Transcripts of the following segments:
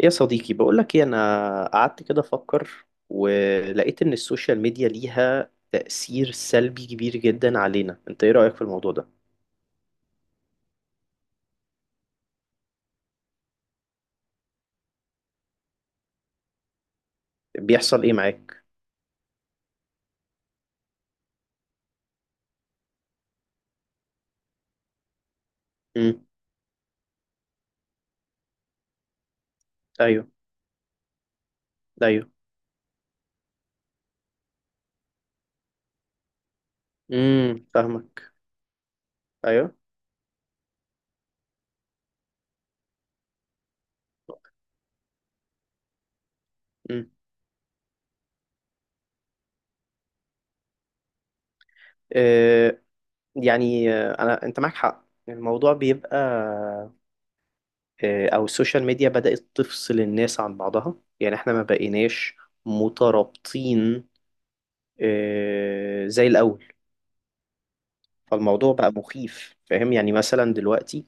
يا صديقي، بقولك ايه، انا قعدت كده افكر ولقيت ان السوشيال ميديا ليها تأثير سلبي كبير جدا علينا. انت ايه رأيك في الموضوع ده؟ بيحصل ايه معاك؟ امم. ايوه. ايوه. امم، فاهمك. ايوه. امم. آه. يعني انا انت معاك حق، الموضوع بيبقى او السوشيال ميديا بدأت تفصل الناس عن بعضها. يعني احنا ما بقيناش مترابطين زي الاول. فالموضوع بقى مخيف، فاهم؟ يعني مثلا دلوقتي،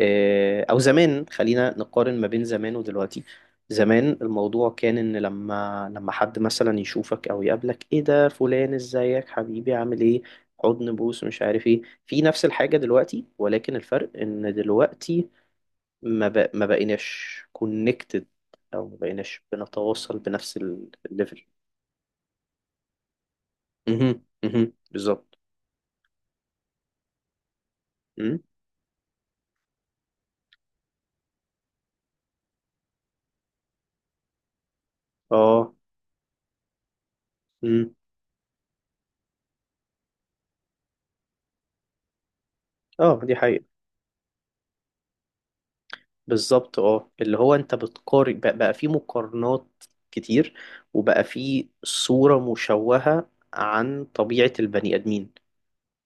او زمان، خلينا نقارن ما بين زمان ودلوقتي. زمان الموضوع كان ان لما حد مثلا يشوفك او يقابلك، ايه ده فلان، ازيك حبيبي، عامل ايه؟ حضن، بوس، مش عارف ايه، في نفس الحاجة دلوقتي، ولكن الفرق ان دلوقتي ما بقيناش كونكتد، او ما بقيناش بنتواصل بنفس الليفل. مهم. مهم. بالظبط. مم. اه. مم. اه، دي حقيقة. بالظبط اه، اللي هو انت بتقارن، بقى في مقارنات كتير. وبقى في صورة مشوهة عن طبيعة البني آدمين.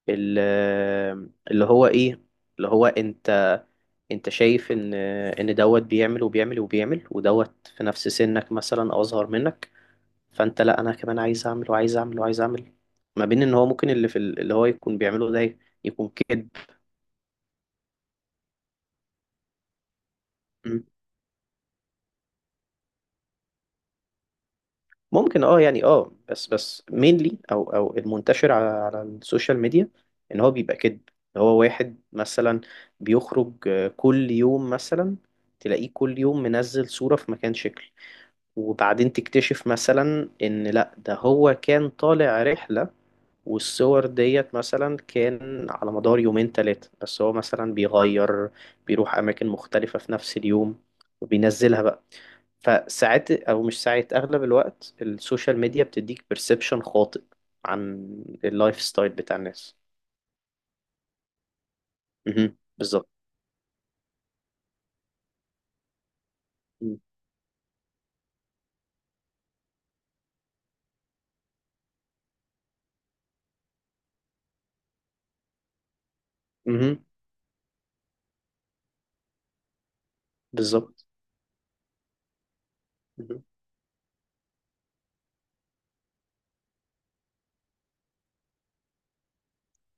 ال- اللي هو ايه، اللي هو انت، انت شايف ان ان دوت بيعمل وبيعمل وبيعمل، ودوت في نفس سنك مثلا او اصغر منك. فانت لا، انا كمان عايز اعمل وعايز اعمل وعايز اعمل. ما بين ان هو ممكن اللي هو يكون بيعمله ده يكون كده. ممكن اه، يعني اه، بس مينلي، او المنتشر على السوشيال ميديا ان هو بيبقى كده. هو واحد مثلا بيخرج كل يوم مثلا، تلاقيه كل يوم منزل صورة في مكان شكل. وبعدين تكتشف مثلا ان لا، ده هو كان طالع رحلة، والصور ديت مثلا كان على مدار يومين تلاتة، بس هو مثلا بيغير، بيروح أماكن مختلفة في نفس اليوم وبينزلها بقى. فساعات، او مش ساعات، اغلب الوقت السوشيال ميديا بتديك بيرسبشن خاطئ عن اللايف ستايل بتاع الناس. مهم. بالظبط. مم. مهم. بالظبط. مهم.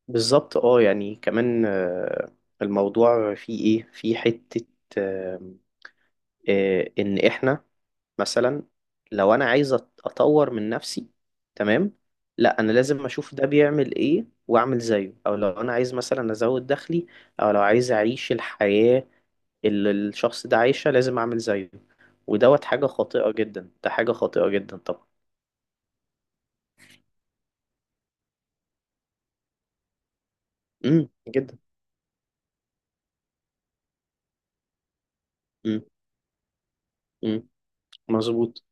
بالظبط اه، يعني كمان الموضوع فيه ايه، في حتة، آه، ان احنا مثلا لو انا عايز اطور من نفسي، تمام، لا انا لازم اشوف ده بيعمل ايه واعمل زيه. او لو انا عايز مثلا ازود دخلي، او لو عايز اعيش الحياة اللي الشخص ده عايشها، لازم اعمل زيه. ودوت حاجة خاطئة جدا، ده حاجة خاطئة جدا طبعا. جدا. امم. امم. مظبوط.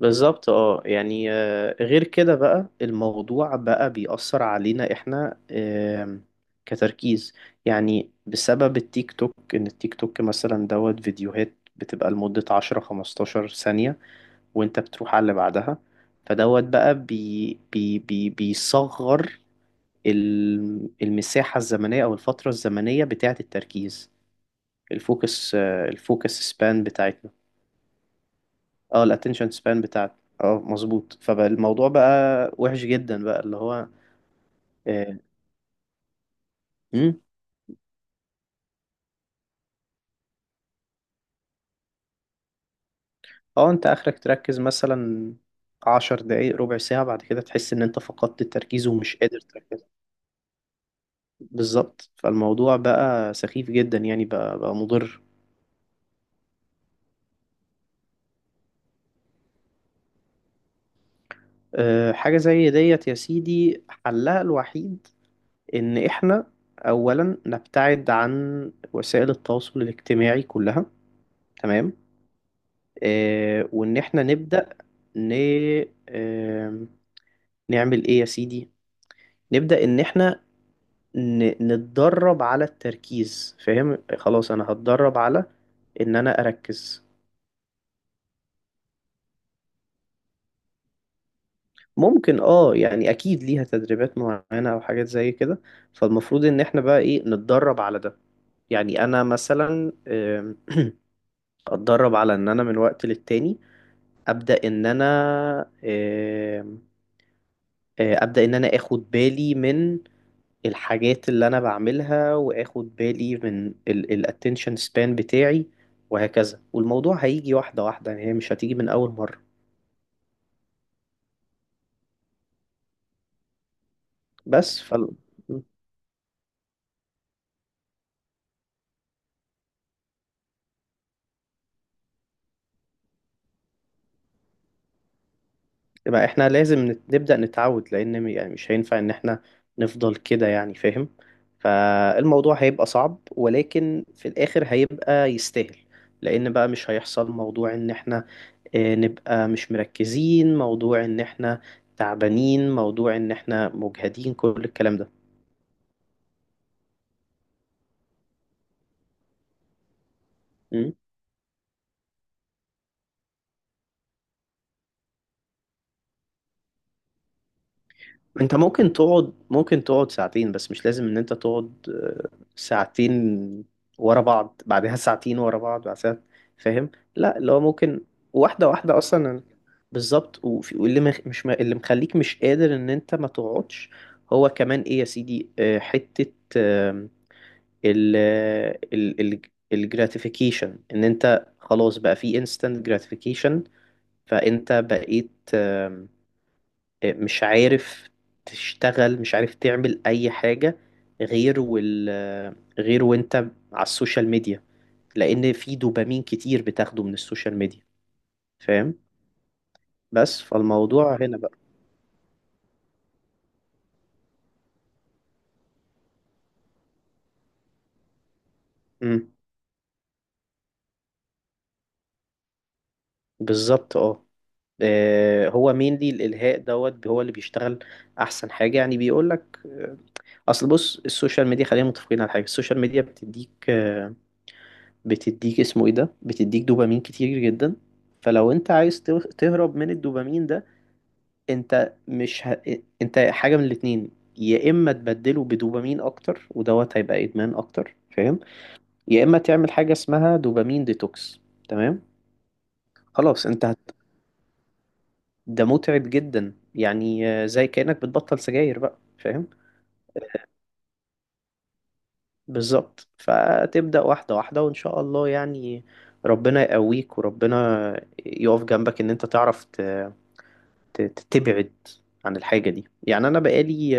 بالظبط اه، يعني غير كده بقى الموضوع بقى بيأثر علينا احنا كتركيز. يعني بسبب التيك توك، ان التيك توك مثلا دوت فيديوهات بتبقى لمدة 10 15 ثانية وانت بتروح على اللي بعدها. فدوت بقى بي بي بي بيصغر المساحة الزمنية أو الفترة الزمنية بتاعة التركيز، الفوكس سبان بتاعتنا. اه، الاتنشن سبان بتاعتنا، اه مظبوط. فالموضوع بقى وحش جدا بقى، اللي هو اه. مم. انت اخرك تركز مثلا عشر دقايق، ربع ساعة، بعد كده تحس ان انت فقدت التركيز ومش قادر تركز. بالظبط، فالموضوع بقى سخيف جدا يعني، بقى مضر. أه، حاجة زي ديت يا سيدي حلها الوحيد إن إحنا أولا نبتعد عن وسائل التواصل الاجتماعي كلها، تمام. آه، وإن إحنا نبدأ ن... آه نعمل إيه يا سيدي، نبدأ إن إحنا نتدرب على التركيز. فاهم؟ خلاص أنا هتدرب على إن أنا أركز. ممكن اه، يعني اكيد ليها تدريبات معينة او حاجات زي كده. فالمفروض ان احنا بقى ايه، نتدرب على ده. يعني انا مثلا اتدرب على ان انا من وقت للتاني ابدا ان انا آم، آه، ابدا ان انا اخد بالي من الحاجات اللي انا بعملها، واخد بالي من الاتنشن سبان بتاعي. وهكذا، والموضوع هيجي واحده واحده، يعني هي مش هتيجي من اول مره. بس ف، يبقى احنا لازم نبدا نتعود، لان يعني مش هينفع ان احنا نفضل كده يعني، فاهم؟ فالموضوع هيبقى صعب، ولكن في الاخر هيبقى يستاهل. لان بقى مش هيحصل موضوع ان احنا نبقى مش مركزين، موضوع ان احنا تعبانين، موضوع ان احنا مجهدين، كل الكلام ده. مم. انت ممكن تقعد، ممكن تقعد ساعتين، بس مش لازم ان انت تقعد ساعتين ورا بعض، بعدها ساعتين ورا بعض، بعدها، فاهم؟ لا، اللي هو ممكن واحدة واحدة اصلا. بالظبط. وفي- واللي مخ- مش م- اللي مخليك مش قادر ان انت ما تقعدش هو كمان ايه يا سيدي، حتة ال ال ال الجراتيفيكيشن، ان انت خلاص بقى في instant gratification. فانت بقيت آم، آه، مش عارف تشتغل، مش عارف تعمل اي حاجة غير وال آه، غير وانت على السوشيال ميديا، لان في دوبامين كتير بتاخده من السوشيال ميديا. فاهم؟ بس فالموضوع هنا بقى. امم. بالظبط اه. هو مين دي الالهاء دوت، هو اللي بيشتغل احسن حاجة يعني، بيقولك اصل بص، السوشيال ميديا خلينا متفقين على حاجه، السوشيال ميديا بتديك اسمه ايه ده، بتديك دوبامين كتير جدا. فلو انت عايز تهرب من الدوبامين ده، انت مش ه... انت حاجه من الاتنين. يا اما تبدله بدوبامين اكتر ودوت هيبقى ادمان اكتر، فاهم؟ يا اما تعمل حاجه اسمها دوبامين ديتوكس. تمام. خلاص انت هت... ده متعب جدا يعني، زي كانك بتبطل سجاير بقى، فاهم؟ بالظبط، فتبدأ واحدة واحدة وإن شاء الله يعني، ربنا يقويك وربنا يقف جنبك إن أنت تعرف ت- تبعد عن الحاجة دي يعني. أنا بقالي،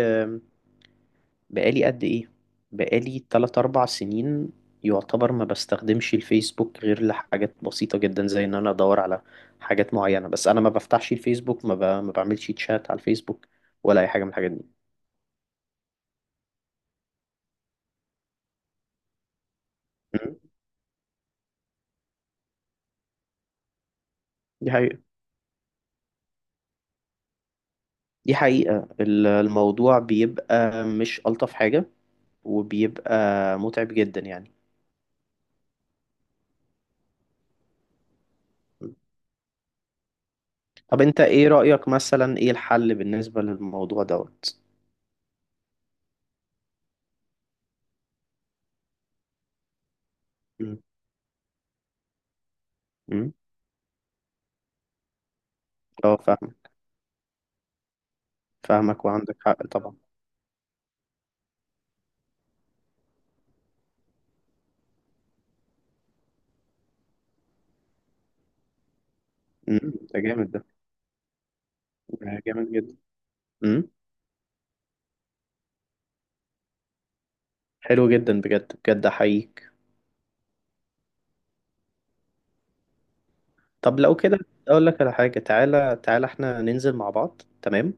قد إيه، بقالي 3 أربع سنين، يعتبر ما بستخدمش الفيسبوك غير لحاجات بسيطة جدا زي إن أنا أدور على حاجات معينة. بس أنا ما بفتحش الفيسبوك، ما بعملش تشات على الفيسبوك ولا أي حاجة من الحاجات دي. م؟ دي حقيقة. دي حقيقة، الموضوع بيبقى مش ألطف حاجة، وبيبقى متعب جدا يعني. طب انت ايه رأيك مثلا، ايه الحل بالنسبة للموضوع دوت؟ مم. مم. اه، فاهم. فاهمك وعندك حق طبعا. مم. ده جامد، ده. ده جامد جدا. مم. حلو جدا، بجد بجد احييك. طب لو كده اقول لك على حاجة، تعالى تعالى احنا ننزل مع بعض، تمام.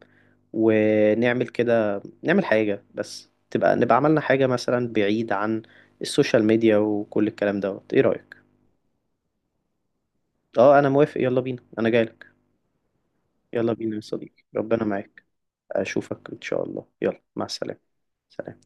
ونعمل كده، نعمل حاجة بس تبقى نبقى عملنا حاجة مثلا بعيد عن السوشيال ميديا وكل الكلام دوت، ايه رأيك؟ اه انا موافق، يلا بينا، انا جاي. يلا بينا يا صديقي، ربنا معاك. أشوفك إن شاء الله، يلا مع السلامة. سلام.